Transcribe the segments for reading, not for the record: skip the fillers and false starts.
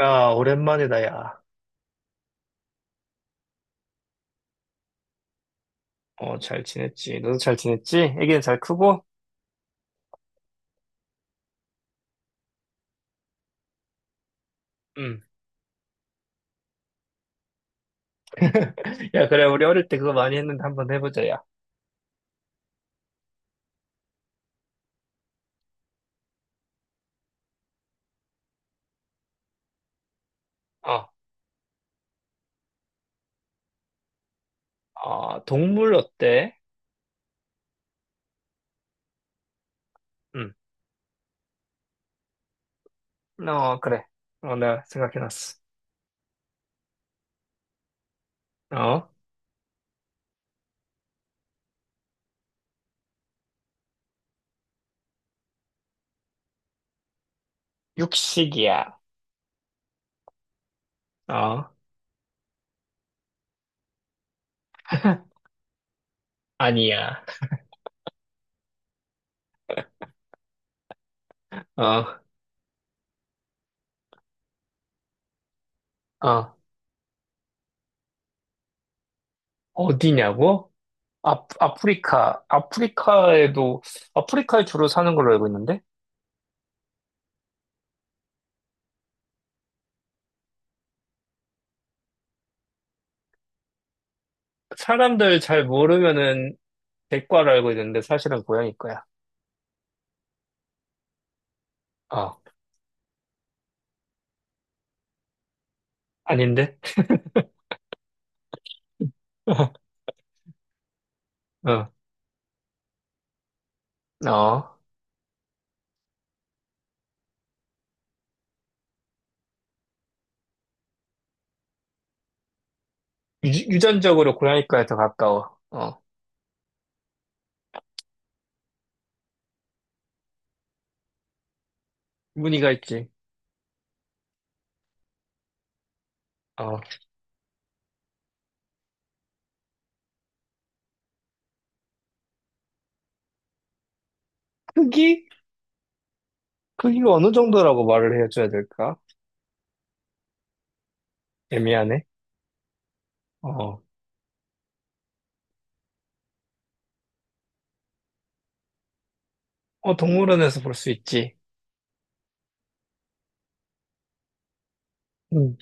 야, 오랜만이다, 야. 어, 잘 지냈지. 너도 잘 지냈지? 애기는 잘 크고? 응. 야, 그래, 우리 어릴 때 그거 많이 했는데 한번 해보자, 야. 어, 동물 어때? 응. 어, 그래. 어, 내가 생각해놨어. 어, 육식이야. 어, 아니야. 어, 어, 어디냐고? 아, 아프리카. 아프리카에 주로 사는 걸로 알고 있는데? 사람들 잘 모르면은 백과로 알고 있는데 사실은 고양이 거야. 어, 아닌데? 어, 어. 어. 유, 전적으로 고양이과에 더 가까워. 어, 무늬가 있지. 어, 크기? 크기가 어느 정도라고 말을 해줘야 될까? 애매하네. 어, 어, 동물원에서 볼 수 있지. 음,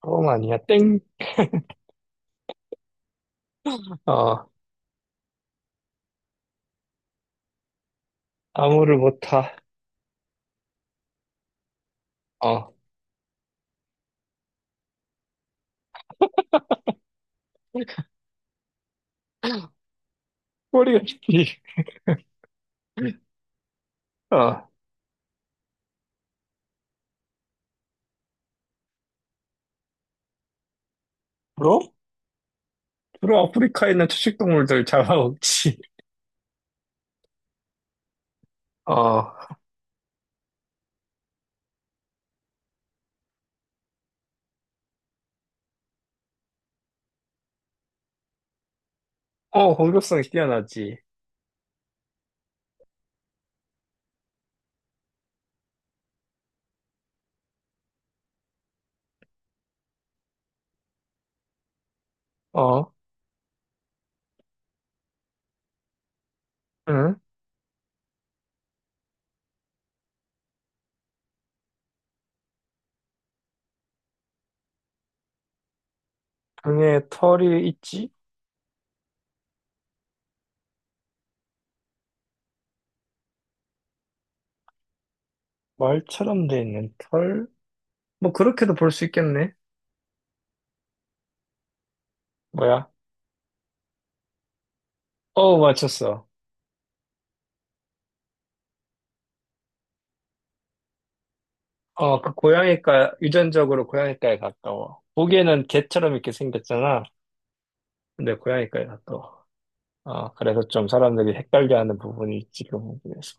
어, 아니야. 땡. 어, 아무를 못 타. 어, 꼬리가 길지. 어, 브로? 브로 아프리카에 있는 초식동물들 잡아먹지. 어, 공격성이 뛰어나지. 어, 응? 등에 털이 있지? 말처럼 돼 있는 털? 뭐 그렇게도 볼 수 있겠네. 뭐야? 어, 맞췄어. 어, 그 고양이과, 유전적으로 고양이과에 가까워. 보기에는 개처럼 이렇게 생겼잖아. 근데 고양이과에 가까워. 어, 그래서 좀 사람들이 헷갈려하는 부분이 있지, 그 부분에서.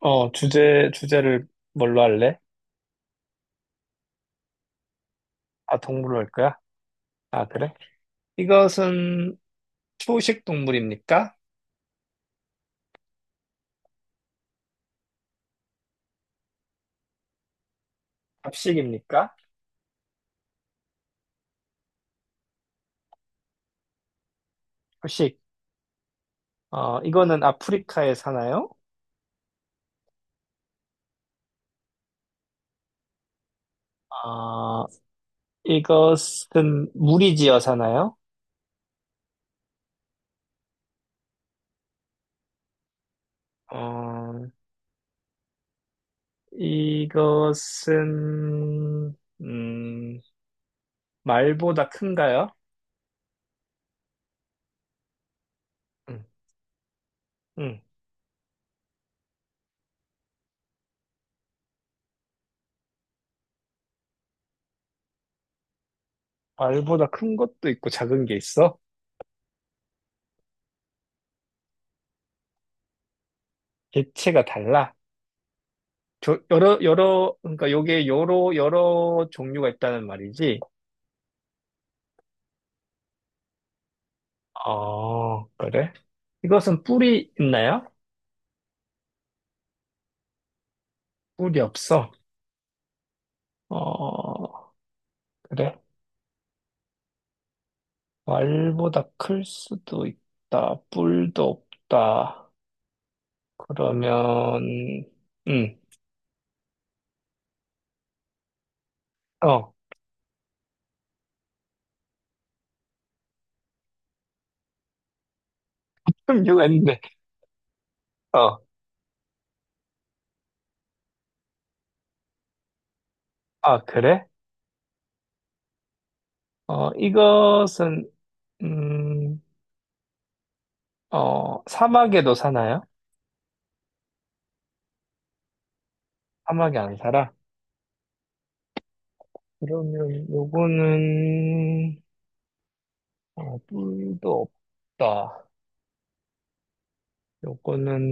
어, 주제를 뭘로 할래? 아, 동물로 할 거야? 아, 그래? 이것은 초식 동물입니까? 잡식입니까? 초식. 어, 이거는 아프리카에 사나요? 어, 이것은 무리지어 사나요? 어, 이것은, 말보다 큰가요? 응, 응. 말보다 큰 것도 있고 작은 게 있어? 개체가 달라? 저, 그러니까 요게 여러 종류가 있다는 말이지? 어, 그래? 이것은 뿔이 있나요? 뿔이 없어. 어, 그래? 말보다 클 수도 있다. 뿔도 없다. 그러면, 응, 어, 그럼 이유가 있는데, 어. 아, 그래? 어, 이것은, 음, 어, 사막에도 사나요? 사막에 안 살아? 그러면 요거는, 어, 뿔도 없다. 요거는,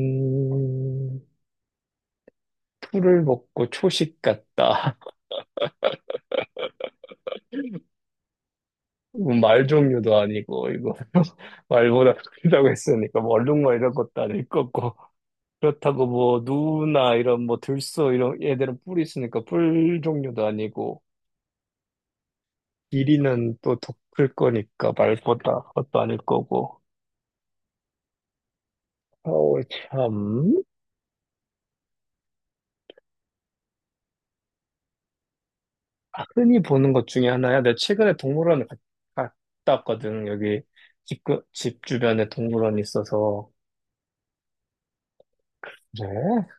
풀을 먹고 초식 같다. 말 종류도 아니고, 이거, 말보다 크다고 했으니까, 뭐 얼룩말 것도 아닐 거고. 그렇다고 뭐, 누나, 이런, 뭐, 들소, 이런, 얘들은 뿔이 있으니까 뿔 종류도 아니고, 길이는 또 더 클 거니까 말보다 그것도 아닐 거고. 어우, 참. 흔히 보는 것 중에 하나야. 내가 최근에 갔다 왔거든. 여기 집 주변에 동물원이 있어서. 그래?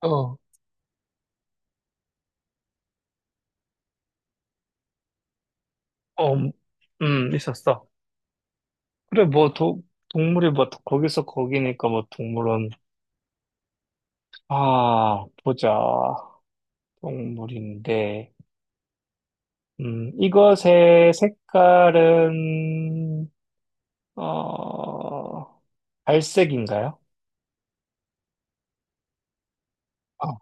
어, 어, 있었어. 그래, 뭐, 동물이 뭐, 거기서 거기니까 뭐, 동물원. 아, 보자. 동물인데. 이것의 색깔은, 어, 갈색인가요? 어,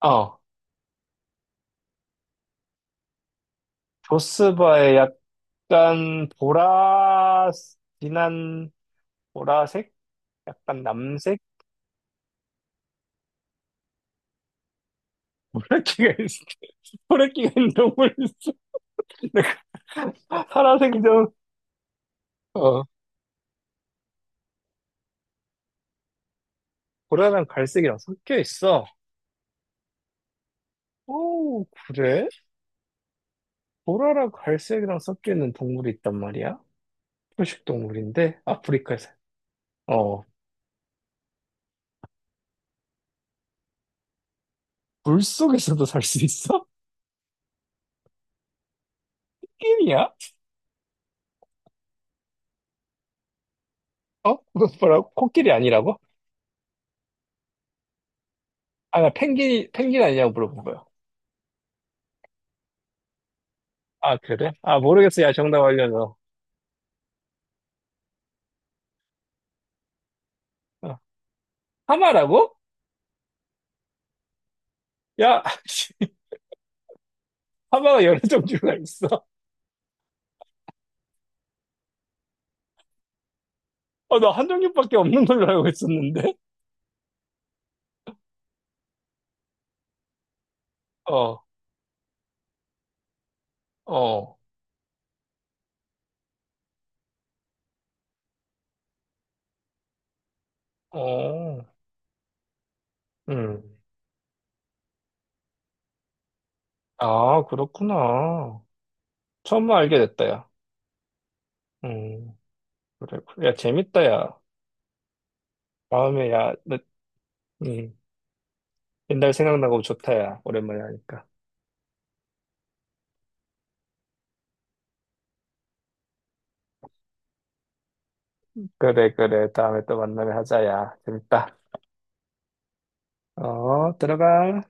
어. 어. 조스바의 약간 보라, 진한 보라색? 약간 남색? 보라끼가 있, 보라끼가 있는 동물 있어. 파란색이 좀, 어, 보라랑 갈색이랑 섞여 있어. 오, 그래? 보라랑 갈색이랑 섞여 있는 동물이 있단 말이야? 초식 동물인데, 아프리카에서. 어, 물속에서도 살 수 있어? 코끼리야? 어? 뭐라고? 코끼리 아니라고? 아, 나 펭귄 아니냐고 물어본 거야. 아, 그래? 아, 모르겠어. 야, 정답 알려줘. 어. 하마라고? 야, 씨, 하마가 여러 종류가 있어. 어, 나 한 종류밖에 없는 걸로 알고 있었는데? 어, 어, 어, 음. 아, 그렇구나. 처음 알게 됐다, 야. 음, 그래. 그래. 야, 재밌다, 야. 다음에, 야, 너, 음, 옛날 생각나고 좋다, 야. 오랜만에 하니까. 그래, 그래. 다음에 또 만나면 하자, 야. 재밌다. 어, 들어가.